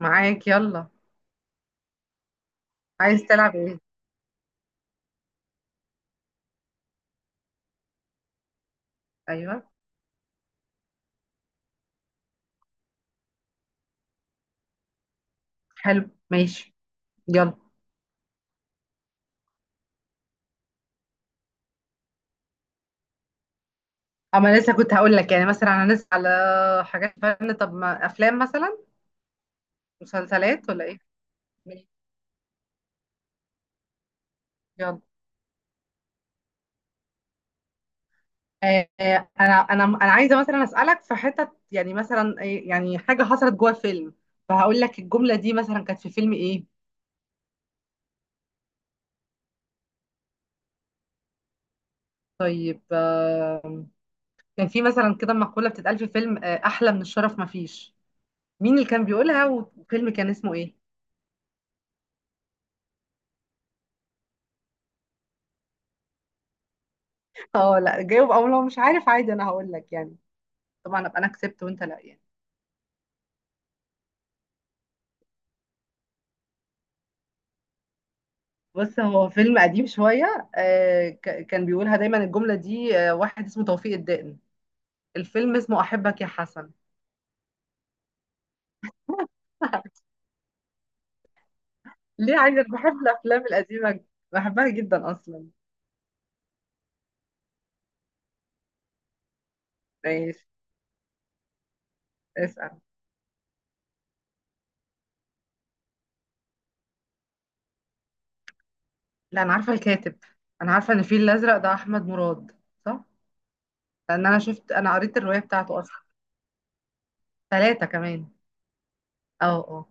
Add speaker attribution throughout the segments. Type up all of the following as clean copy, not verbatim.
Speaker 1: معاك، يلا. عايز تلعب ايه؟ ايوه. حلو، ماشي. يلا. اما لسه كنت هقول لك يعني مثلا انا لسه على حاجات فن. طب ما افلام مثلا؟ مسلسلات ولا ايه؟ ماشي. يلا. انا عايزه مثلا اسالك في حتت، يعني مثلا يعني حاجه حصلت جوه فيلم، فهقول لك الجمله دي مثلا كانت في فيلم ايه. طيب. كان في مثلا كده مقوله بتتقال في فيلم، احلى من الشرف مفيش. مين اللي كان بيقولها والفيلم كان اسمه ايه؟ اه لا جاوب، او لو مش عارف عادي انا هقول لك يعني. طبعا ابقى انا كسبت وانت لا يعني. بص، هو فيلم قديم شويه. كان بيقولها دايما الجمله دي، واحد اسمه توفيق الدقن. الفيلم اسمه احبك يا حسن. ليه؟ عايزه، بحب الافلام القديمه، بحبها جدا اصلا. ماشي، اسال. لا انا عارفه الكاتب، انا عارفه ان الفيل الازرق ده احمد مراد، صح؟ لان انا شفت، انا قريت الروايه بتاعته اصلا. ثلاثه كمان. اه اه.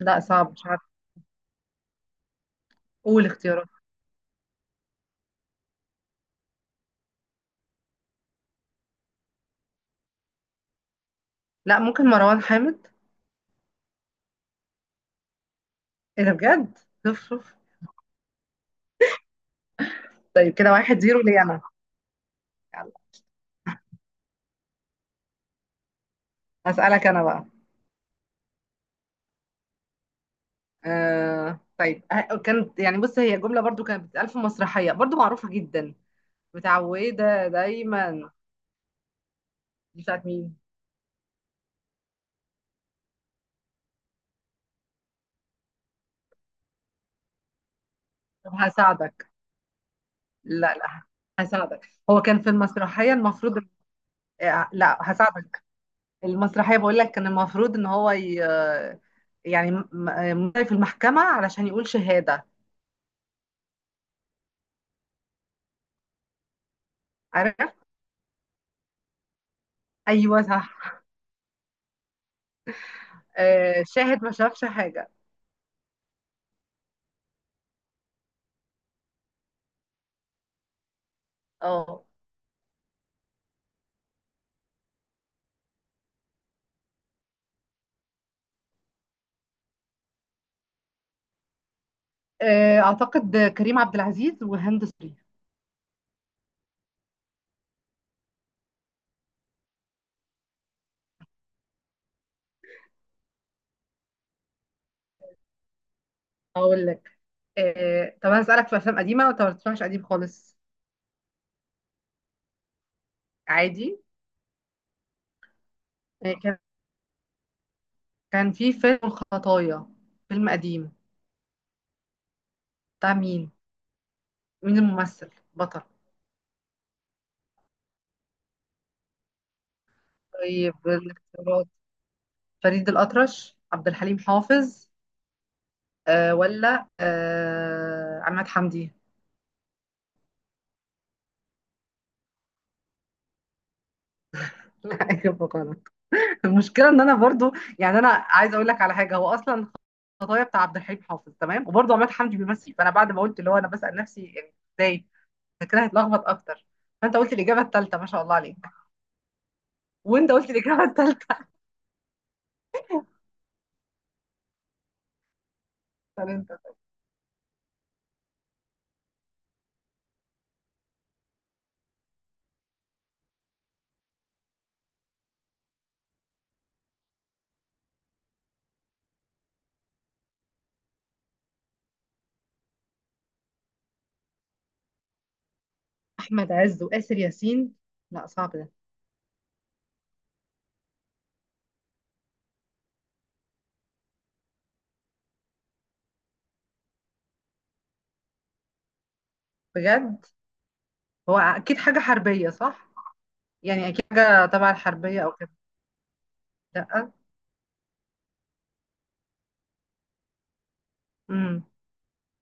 Speaker 1: لا صعب، مش عارفه. قول اختيارات. لا، ممكن مروان حامد. ايه ده بجد! شوف شوف. طيب كده واحد زيرو ليا انا. يلا، هسألك انا بقى. طيب، كانت يعني، بص، هي جملة برضو كانت بتتقال في مسرحية برضو معروفة جدا، متعودة دايما. دي بتاعت مين؟ طب هساعدك. لا لا، هساعدك، هو كان في المسرحية المفروض. لا هساعدك. المسرحية بقول لك كان المفروض ان هو ي... آه، يعني في المحكمة علشان يقول شهادة. عارف. ايوه صح. شاهد ما شافش حاجة. اه. اعتقد كريم عبد العزيز وهند صبري. اقول لك. طب انا اسالك في افلام قديمه، طب ما تسمعش قديم خالص؟ عادي. آه، كان كان في فيلم خطايا، فيلم قديم، بتاع مين؟ مين الممثل بطل؟ طيب الاختيارات: فريد الأطرش، عبد الحليم حافظ، ولا عماد حمدي. اجيب غلط. المشكله ان انا برضو يعني، انا عايزه اقول لك على حاجه، هو اصلا خطايا بتاع عبد الحليم حافظ تمام وبرضه عماد حمدي بيمثل، فانا بعد ما قلت اللي هو انا بسأل نفسي يعني ازاي، فكرة هتلخبط اكتر. فانت قلت الاجابه الثالثه، ما شاء الله عليك. وانت قلت الاجابه الثالثه. انت. احمد عز وآسر ياسين؟ لا صعب ده. بجد، هو اكيد حاجه حربيه صح؟ يعني اكيد حاجه تبع الحربيه او كده. لا. امم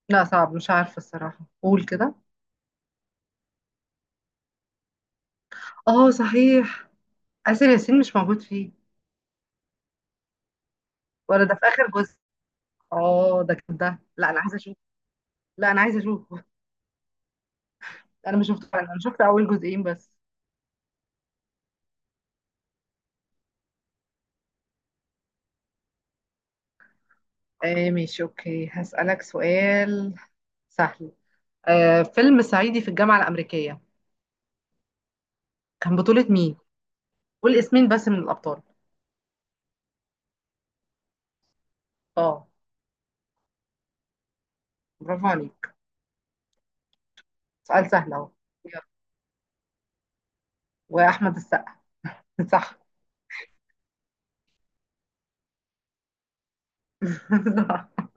Speaker 1: لا صعب، مش عارفه الصراحه، قول كده. اه صحيح، آسر ياسين مش موجود فيه. ولا ده في اخر جزء؟ اه ده كده لا، انا عايزه اشوف. لا انا عايزه اشوف. انا مش شفت، انا شفت اول جزئين بس. ماشي، اوكي، هسألك سؤال سهل. فيلم صعيدي في الجامعة الأمريكية، كان بطولة مين؟ قول اسمين بس من الأبطال. اه، برافو عليك. سؤال سهل اهو. يلا. وأحمد السقا. صح. صح.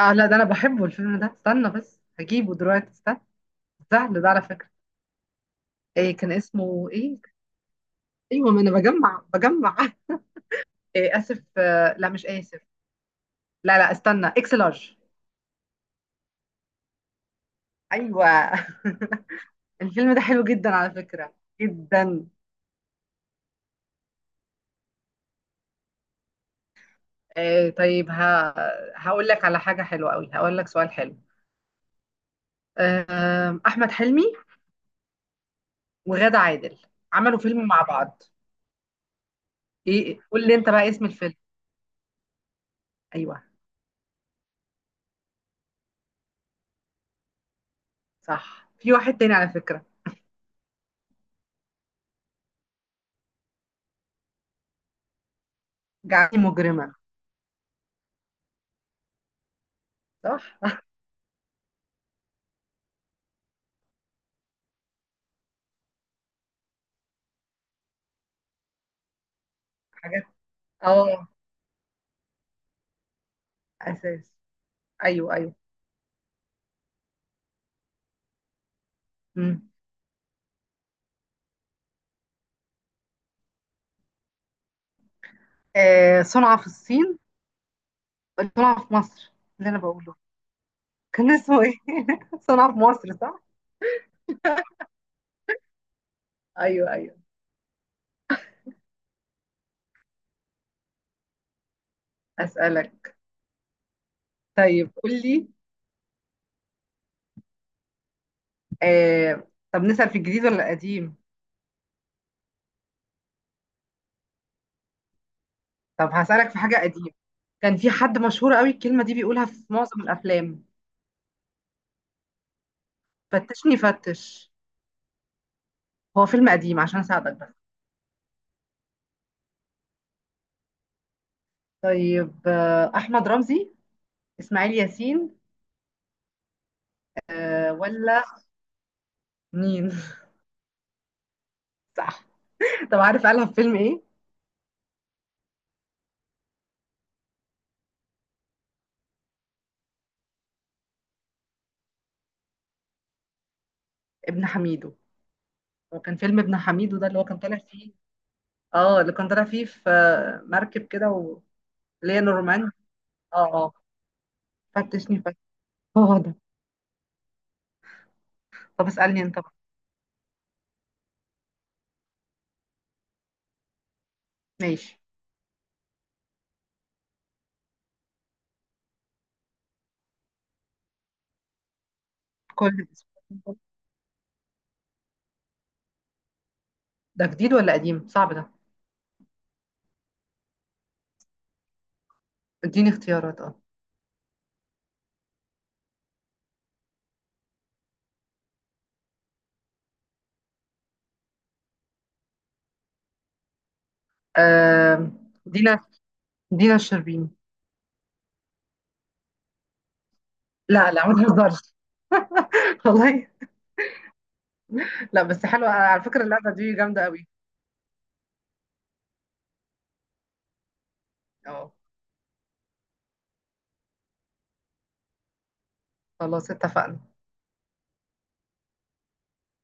Speaker 1: اه لا، ده انا بحبه الفيلم ده، استنى بس هجيبه دلوقتي، استنى. سهل ده على فكرة. إيه كان اسمه ايه؟ ايوه ما انا بجمع. إيه اسف، لا مش اسف. لا لا استنى، اكس لارج. ايوه. الفيلم ده حلو جدا على فكرة، جدا. طيب، ها. هقول لك على حاجة حلوة قوي، هقول لك سؤال حلو. أحمد حلمي وغادة عادل عملوا فيلم مع بعض. ايه، قول لي انت بقى اسم الفيلم. ايوه صح، في واحد تاني على فكرة. جعلتني مجرمة. صح. حاجات. اه. اساس. ايوه ايوه. مم. صنع في الصين، صنع في مصر، اللي انا بقوله. كان اسمه ايه؟ صنع في مصر، صح. ايوه ايوه. اسألك. طيب قول لي. آه، طب نسأل في الجديد ولا القديم؟ طب هسألك في حاجة قديمة. كان في حد مشهور قوي الكلمة دي بيقولها في معظم الأفلام: فتشني فتش. هو فيلم قديم عشان أساعدك بس. طيب أحمد رمزي، إسماعيل ياسين، ولا مين؟ صح. طب عارف قالها في فيلم إيه؟ ابن حميدو. هو كان فيلم ابن حميدو ده اللي هو كان طالع فيه. اه، اللي كان طالع فيه في مركب كده و... اللي هي نورمان. اه اه. فتشني فتش، هو ده. طب اسألني انت بقى. ماشي. كل اسبوع؟ ده جديد ولا قديم؟ صعب ده. اديني اختيارات، اه. آم، دينا، دينا الشربيني. لا لا ما تهزرش. والله. لا بس حلوة على فكرة اللعبة دي، جامدة قوي. اه، خلاص اتفقنا.